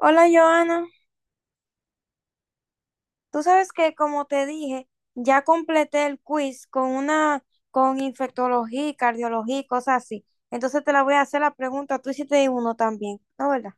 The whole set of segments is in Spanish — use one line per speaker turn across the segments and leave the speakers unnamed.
Hola Joana, tú sabes que como te dije, ya completé el quiz con infectología, y cardiología y cosas así. Entonces te la voy a hacer la pregunta, tú hiciste uno también, ¿no verdad?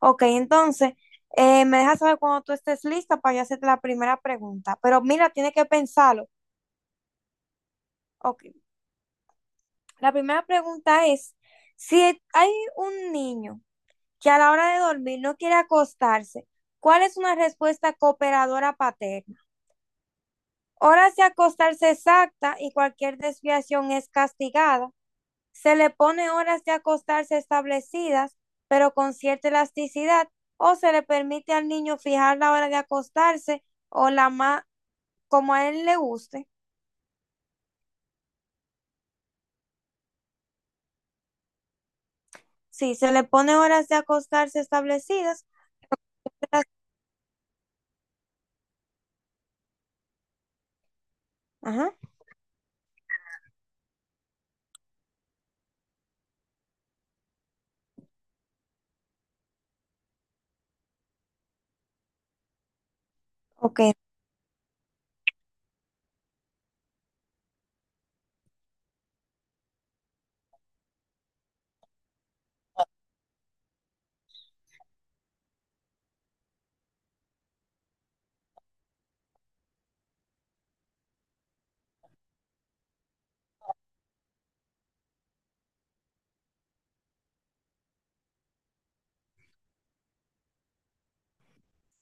Ok, entonces me dejas saber cuando tú estés lista para yo hacerte la primera pregunta. Pero mira, tienes que pensarlo. Ok, la primera pregunta es, si hay un niño que a la hora de dormir no quiere acostarse, ¿cuál es una respuesta cooperadora paterna? Horas de acostarse exacta y cualquier desviación es castigada. Se le pone horas de acostarse establecidas, pero con cierta elasticidad, o se le permite al niño fijar la hora de acostarse o la más como a él le guste. Sí, se le pone horas de acostarse establecidas. Ajá. Ok.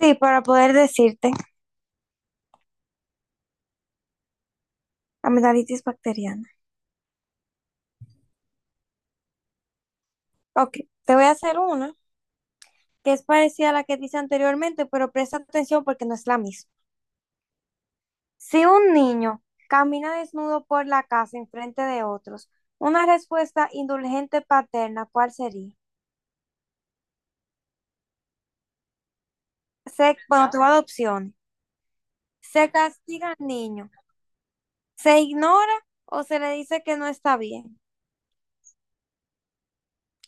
Sí, para poder decirte amigdalitis bacteriana. Ok, te voy a hacer una que es parecida a la que dice anteriormente, pero presta atención porque no es la misma. Si un niño camina desnudo por la casa en frente de otros, una respuesta indulgente paterna, ¿cuál sería? Bueno, te voy a dar opciones. Se castiga al niño, se ignora o se le dice que no está bien.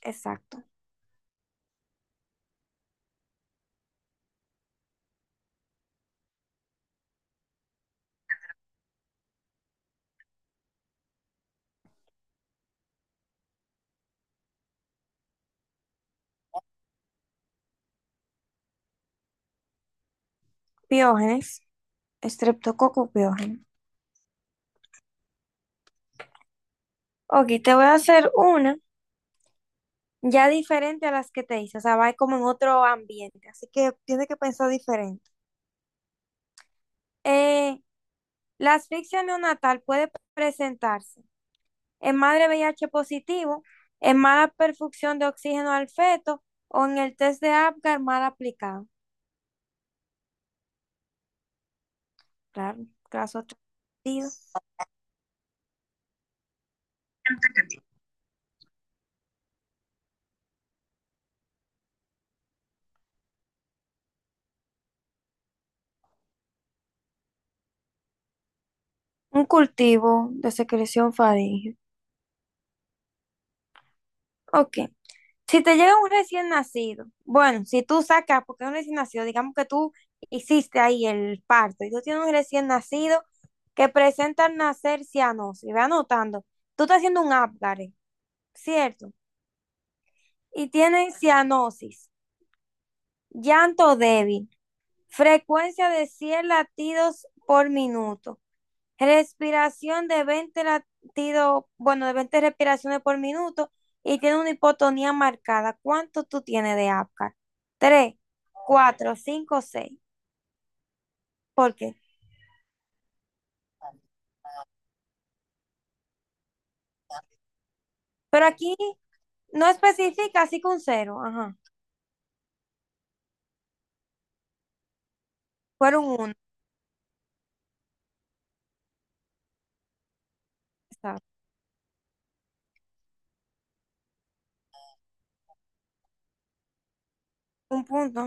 Exacto. Piógenes, estreptococo piógeno. Ok, te voy a hacer una ya diferente a las que te hice, o sea, va como en otro ambiente, así que tienes que pensar diferente. Eh, la asfixia neonatal puede presentarse en madre VIH positivo, en mala perfusión de oxígeno al feto o en el test de Apgar mal aplicado. Claro, caso atribuido. Un cultivo de secreción faríngea. Ok. Si te llega un recién nacido, bueno, si tú sacas, porque es un recién nacido, digamos que tú hiciste ahí el parto y tú tienes un recién nacido que presenta al nacer cianosis, ve anotando, tú estás haciendo un Apgar, ¿cierto? Y tiene cianosis. Llanto débil. Frecuencia de 100 latidos por minuto. Respiración de 20 latidos, bueno, de 20 respiraciones por minuto y tiene una hipotonía marcada. ¿Cuánto tú tienes de apgar? 3, 4, 5, 6. ¿Por qué? Pero aquí no especifica, así que un cero. Ajá. Fueron uno. Un punto,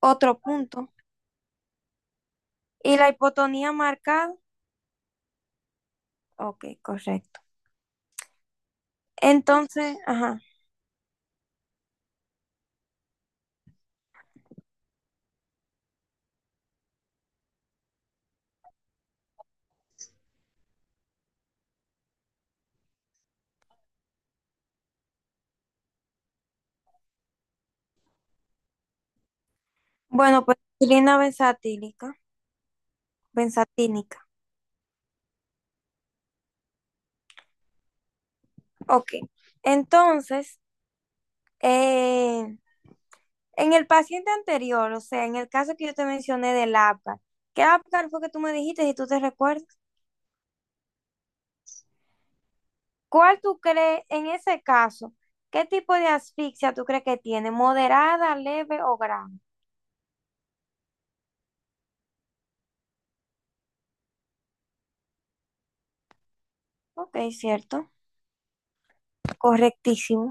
otro punto. Y la hipotonía marcada. Ok, correcto. Entonces, ajá. Bueno, pues insulina benzatílica, benzatínica. Ok. Entonces, eh, en el paciente anterior, o sea, en el caso que yo te mencioné del Apgar, ¿qué Apgar fue que tú me dijiste, si tú te recuerdas? ¿Cuál tú crees, en ese caso, qué tipo de asfixia tú crees que tiene? ¿Moderada, leve o grave? Ok, cierto. Correctísimo.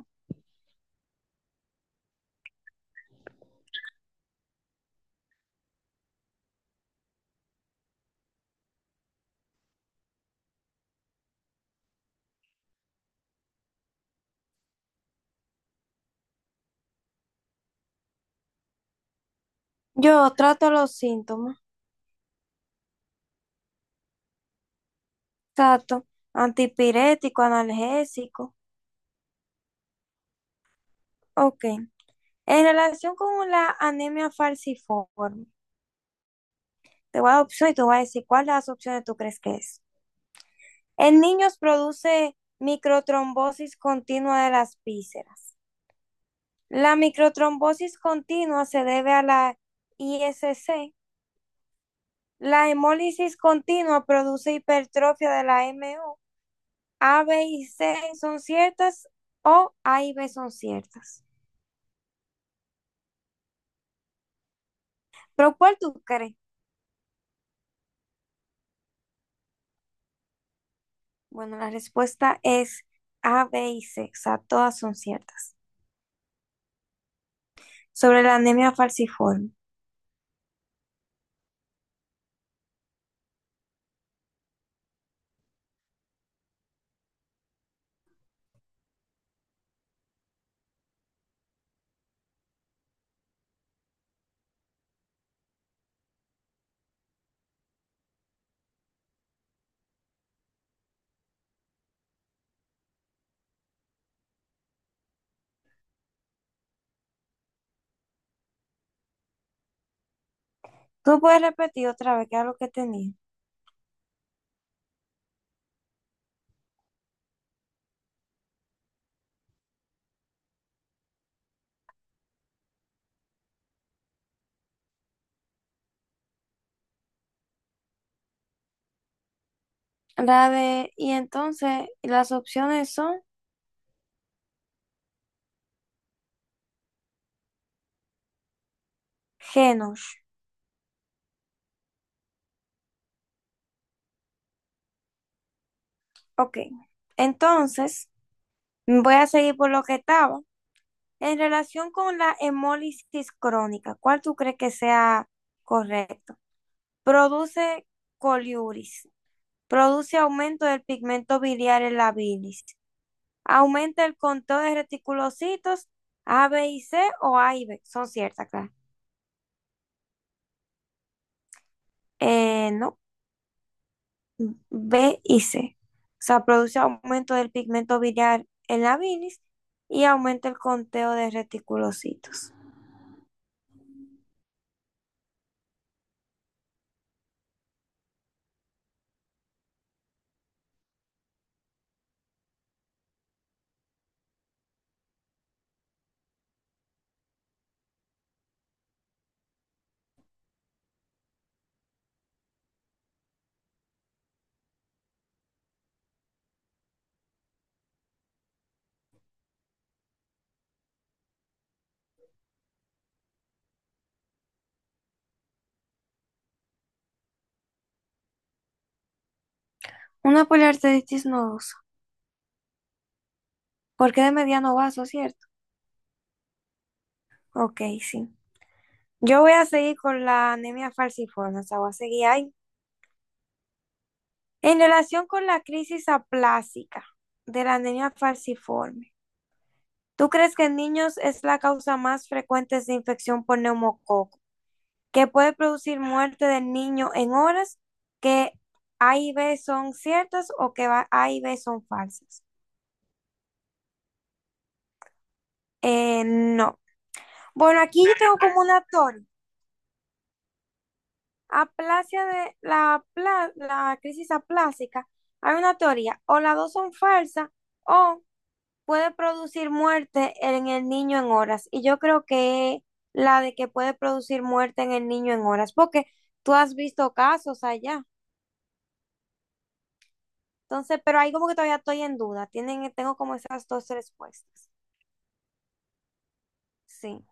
Yo trato los síntomas. Trato antipirético, analgésico. Ok. En relación con la anemia falciforme, te voy a dar opciones y te voy a decir cuál de las opciones tú crees que es. En niños produce microtrombosis continua de las vísceras. La microtrombosis continua se debe a la ISC. La hemólisis continua produce hipertrofia de la MO. A, B y C son ciertas o A y B son ciertas. ¿Pero cuál tú crees? Bueno, la respuesta es A, B y C, o sea, todas son ciertas. Sobre la anemia falciforme. Tú puedes repetir otra vez qué era lo que tenía. Y entonces las opciones son genos. Ok, entonces voy a seguir por lo que estaba. En relación con la hemólisis crónica, ¿cuál tú crees que sea correcto? Produce coliuris, produce aumento del pigmento biliar en la bilis, aumenta el conteo de reticulocitos. A, B y C o A y B. Son ciertas, claro. No, B y C. O sea, produce aumento del pigmento biliar en la bilis y aumenta el conteo de reticulocitos. Una poliarteritis nodosa. Porque de mediano vaso, ¿cierto? Ok, sí. Yo voy a seguir con la anemia falciforme, o sea, voy a seguir ahí. En relación con la crisis aplásica de la anemia falciforme, ¿tú crees que en niños es la causa más frecuente de infección por neumococo, que puede producir muerte del niño en horas, que A y B son ciertas o que A y B son falsas? No. Bueno, aquí yo tengo como una teoría. Aplasia de la, pla la crisis aplásica, hay una teoría. O las dos son falsas o puede producir muerte en el niño en horas. Y yo creo que la de que puede producir muerte en el niño en horas, porque tú has visto casos allá. Entonces, pero ahí como que todavía estoy en duda. Tengo como esas dos respuestas. Sí,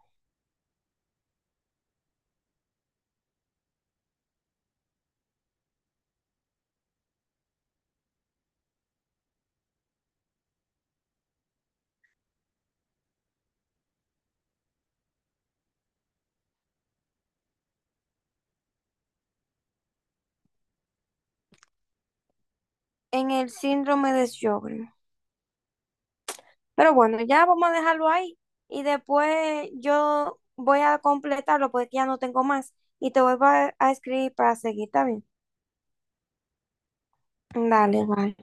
en el síndrome de Sjögren. Pero bueno, ya vamos a dejarlo ahí y después yo voy a completarlo porque ya no tengo más y te voy a, escribir para seguir también. Dale, bye.